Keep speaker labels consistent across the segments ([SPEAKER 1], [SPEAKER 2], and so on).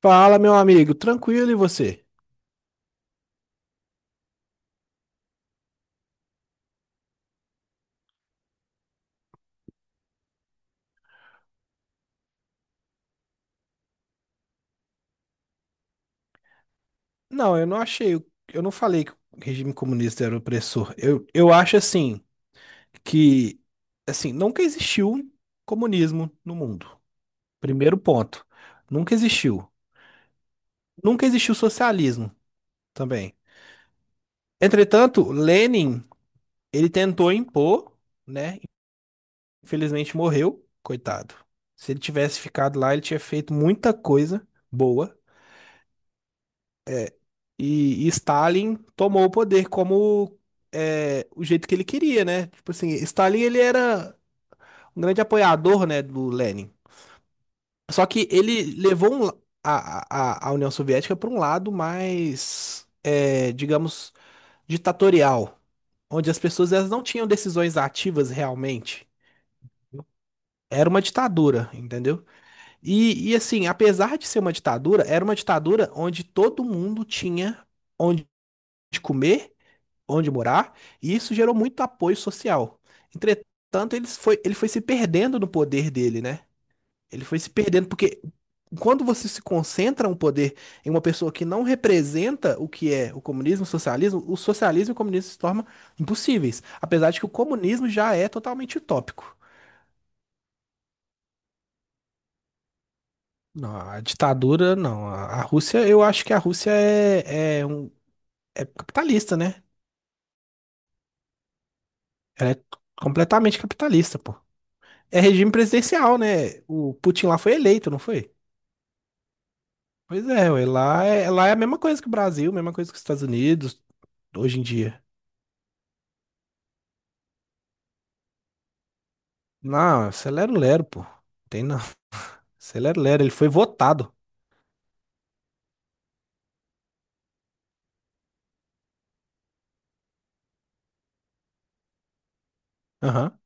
[SPEAKER 1] Fala, meu amigo, tranquilo e você? Não, eu não achei, eu não falei que o regime comunista era opressor. Eu acho assim que assim, nunca existiu comunismo no mundo. Primeiro ponto. Nunca existiu. Nunca existiu socialismo também. Entretanto, Lenin, ele tentou impor, né? Infelizmente morreu, coitado. Se ele tivesse ficado lá, ele tinha feito muita coisa boa. E Stalin tomou o poder como é, o jeito que ele queria, né? Tipo assim, Stalin ele era um grande apoiador, né, do Lenin. Só que ele levou a União Soviética para um lado mais, digamos, ditatorial, onde as pessoas elas não tinham decisões ativas realmente. Era uma ditadura, entendeu? E assim, apesar de ser uma ditadura, era uma ditadura onde todo mundo tinha onde comer, onde morar, e isso gerou muito apoio social. Entretanto, ele foi se perdendo no poder dele, né? Ele foi se perdendo, porque quando você se concentra um poder em uma pessoa que não representa o que é o comunismo, o socialismo e o comunismo se tornam impossíveis, apesar de que o comunismo já é totalmente utópico. Não, a ditadura, não. A Rússia, eu acho que a Rússia é capitalista, né? Ela é completamente capitalista, pô. É regime presidencial, né? O Putin lá foi eleito, não foi? Pois é, ué, lá é a mesma coisa que o Brasil, mesma coisa que os Estados Unidos, hoje em dia. Não, isso é lero-lero, pô. Tem não. Isso é lero-lero, ele foi votado. Aham.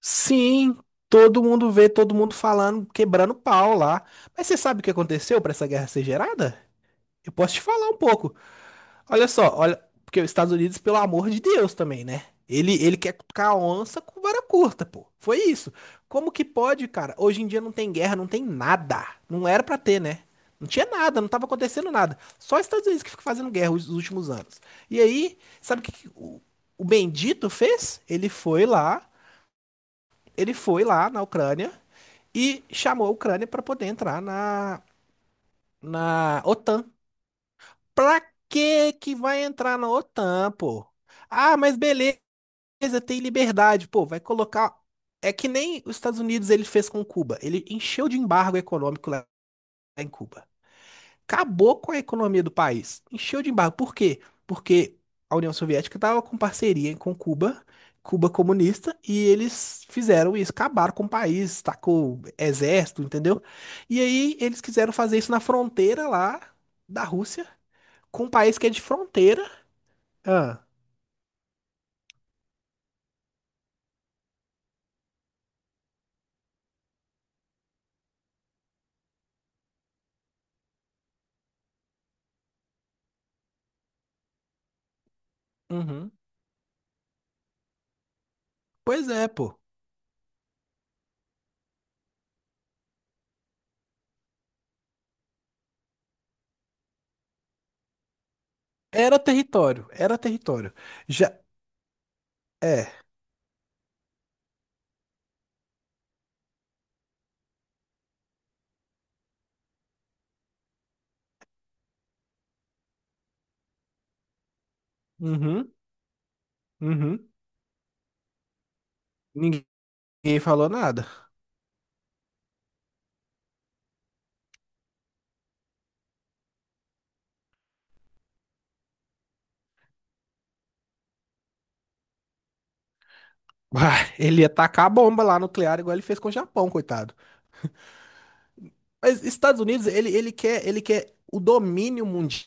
[SPEAKER 1] Sim, todo mundo vê, todo mundo falando, quebrando pau lá. Mas você sabe o que aconteceu para essa guerra ser gerada? Eu posso te falar um pouco. Olha só, olha, porque os Estados Unidos, pelo amor de Deus, também, né? Ele quer cutucar a onça com vara curta, pô. Foi isso. Como que pode, cara? Hoje em dia não tem guerra, não tem nada. Não era pra ter, né? Não tinha nada, não tava acontecendo nada. Só os Estados Unidos que fica fazendo guerra os últimos anos. E aí, sabe o que que o Bendito fez? Ele foi lá na Ucrânia e chamou a Ucrânia pra poder entrar na OTAN. Pra que que vai entrar na OTAN, pô? Ah, mas beleza, tem liberdade, pô, vai colocar. É que nem os Estados Unidos ele fez com Cuba. Ele encheu de embargo econômico lá em Cuba. Acabou com a economia do país. Encheu de embargo. Por quê? Porque a União Soviética estava com parceria com Cuba, Cuba comunista, e eles fizeram isso, acabaram com o país, tacou exército, entendeu? E aí eles quiseram fazer isso na fronteira lá da Rússia com um país que é de fronteira. Ah, uhum. Pois é, pô. Era território, era território. Já é. Uhum, uhum. Ninguém falou nada. Uai, ele ia tacar a bomba lá nuclear igual ele fez com o Japão, coitado. Mas Estados Unidos, ele quer o domínio mundial.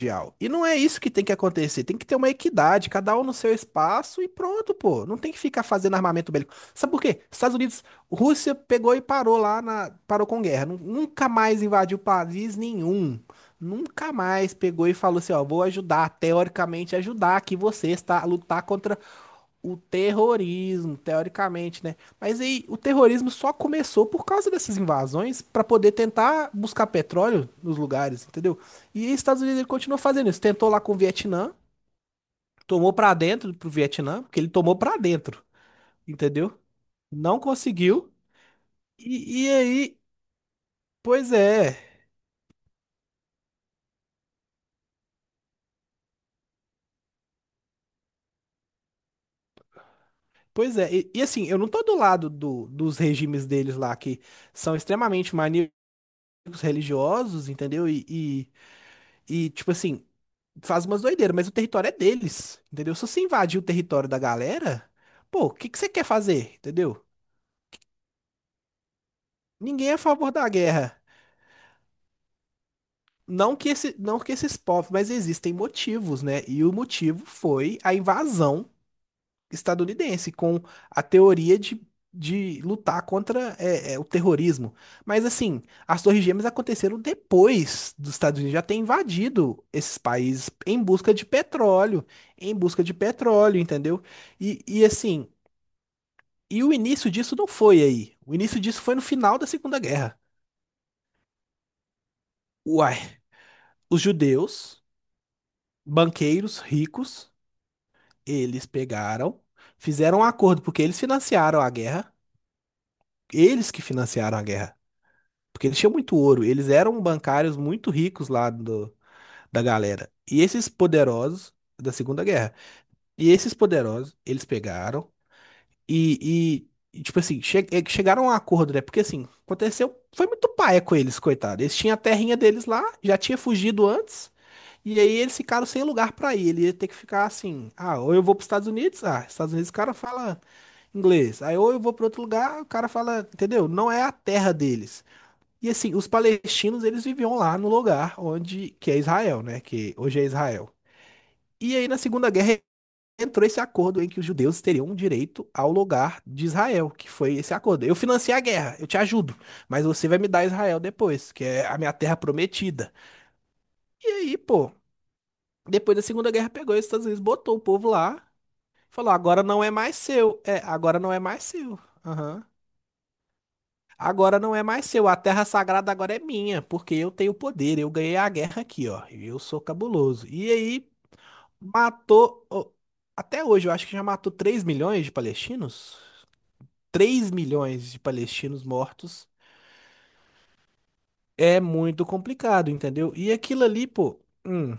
[SPEAKER 1] Mundial. E não é isso que tem que acontecer. Tem que ter uma equidade, cada um no seu espaço e pronto, pô. Não tem que ficar fazendo armamento bélico. Sabe por quê? Estados Unidos, Rússia pegou e parou lá parou com guerra. Nunca mais invadiu país nenhum. Nunca mais pegou e falou assim, ó, vou ajudar, teoricamente ajudar aqui vocês, tá? A lutar contra o terrorismo, teoricamente, né? Mas aí o terrorismo só começou por causa dessas invasões para poder tentar buscar petróleo nos lugares, entendeu? E os Estados Unidos ele continuou fazendo isso, tentou lá com o Vietnã, tomou para dentro pro Vietnã, porque ele tomou para dentro, entendeu? Não conseguiu. E aí, pois é, pois é. E assim, eu não tô do lado do, dos regimes deles lá que são extremamente maníacos religiosos, entendeu? E tipo assim, faz umas doideiras, mas o território é deles, entendeu? Se você invadir o território da galera, pô, o que que você quer fazer, entendeu? Ninguém é a favor da guerra. Não que esse, não que esses povos, mas existem motivos, né? E o motivo foi a invasão estadunidense, com a teoria de lutar contra o terrorismo. Mas assim, as Torres Gêmeas aconteceram depois dos Estados Unidos já ter invadido esses países em busca de petróleo, em busca de petróleo, entendeu? E assim, e o início disso não foi aí. O início disso foi no final da Segunda Guerra. Uai, os judeus, banqueiros ricos, eles pegaram, fizeram um acordo, porque eles financiaram a guerra. Eles que financiaram a guerra. Porque eles tinham muito ouro. Eles eram bancários muito ricos lá do, da galera. E esses poderosos da Segunda Guerra. E esses poderosos, eles pegaram. E, tipo assim, chegaram a um acordo, né? Porque assim, aconteceu, foi muito paia com eles, coitado. Eles tinham a terrinha deles lá, já tinha fugido antes, e aí eles ficaram sem lugar pra ir. Ele ia ter que ficar assim, ah, ou eu vou pros Estados Unidos, ah, Estados Unidos o cara fala inglês. Aí ou eu vou pra outro lugar, o cara fala, entendeu? Não é a terra deles. E assim, os palestinos, eles viviam lá no lugar onde que é Israel, né? Que hoje é Israel. E aí na Segunda Guerra entrou esse acordo em que os judeus teriam direito ao lugar de Israel, que foi esse acordo. Eu financiei a guerra, eu te ajudo, mas você vai me dar Israel depois, que é a minha terra prometida. E aí, pô, depois da Segunda Guerra pegou os Estados Unidos, botou o povo lá, falou: agora não é mais seu. É, agora não é mais seu. Aham. Agora não é mais seu, a terra sagrada agora é minha, porque eu tenho poder, eu ganhei a guerra aqui, ó, e eu sou cabuloso. E aí, matou, ó, até hoje, eu acho que já matou 3 milhões de palestinos. Três milhões de palestinos mortos, é muito complicado, entendeu? E aquilo ali, pô. Hum,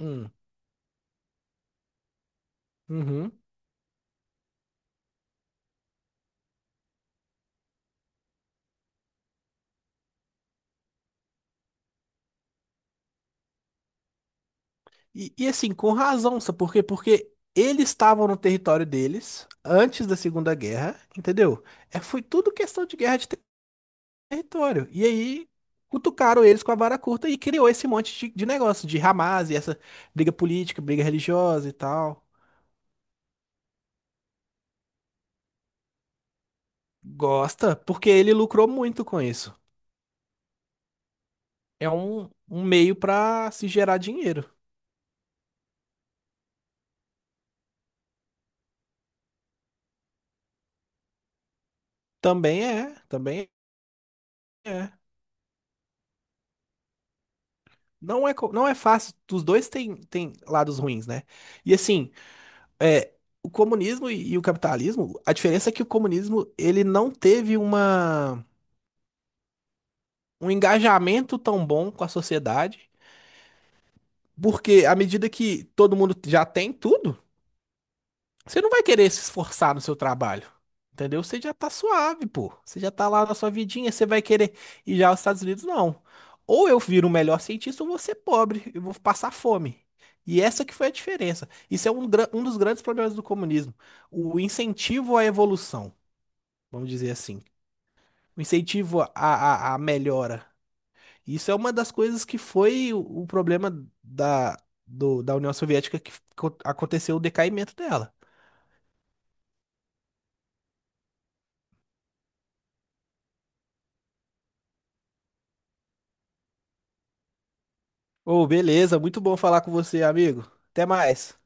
[SPEAKER 1] hum, uhum. E assim, com razão, sabe por quê? Porque eles estavam no território deles antes da Segunda Guerra, entendeu? É, foi tudo questão de guerra de território. E aí. Cutucaram eles com a vara curta e criou esse monte de negócio, de Hamas e essa briga política, briga religiosa e tal. Gosta, porque ele lucrou muito com isso. É um meio pra se gerar dinheiro. Também é, também é. Não é, não é fácil. Os dois têm lados ruins, né? E assim, é, o comunismo e o capitalismo, a diferença é que o comunismo ele não teve uma, um engajamento tão bom com a sociedade, porque à medida que todo mundo já tem tudo, você não vai querer se esforçar no seu trabalho. Entendeu? Você já tá suave, pô. Você já tá lá na sua vidinha, você vai querer ir já aos Estados Unidos, não. Ou eu viro o melhor cientista ou vou ser pobre e vou passar fome. E essa que foi a diferença. Isso é um dos grandes problemas do comunismo. O incentivo à evolução, vamos dizer assim. O incentivo à melhora. Isso é uma das coisas que foi o problema da, da União Soviética que aconteceu o decaimento dela. Ô, beleza, muito bom falar com você, amigo. Até mais.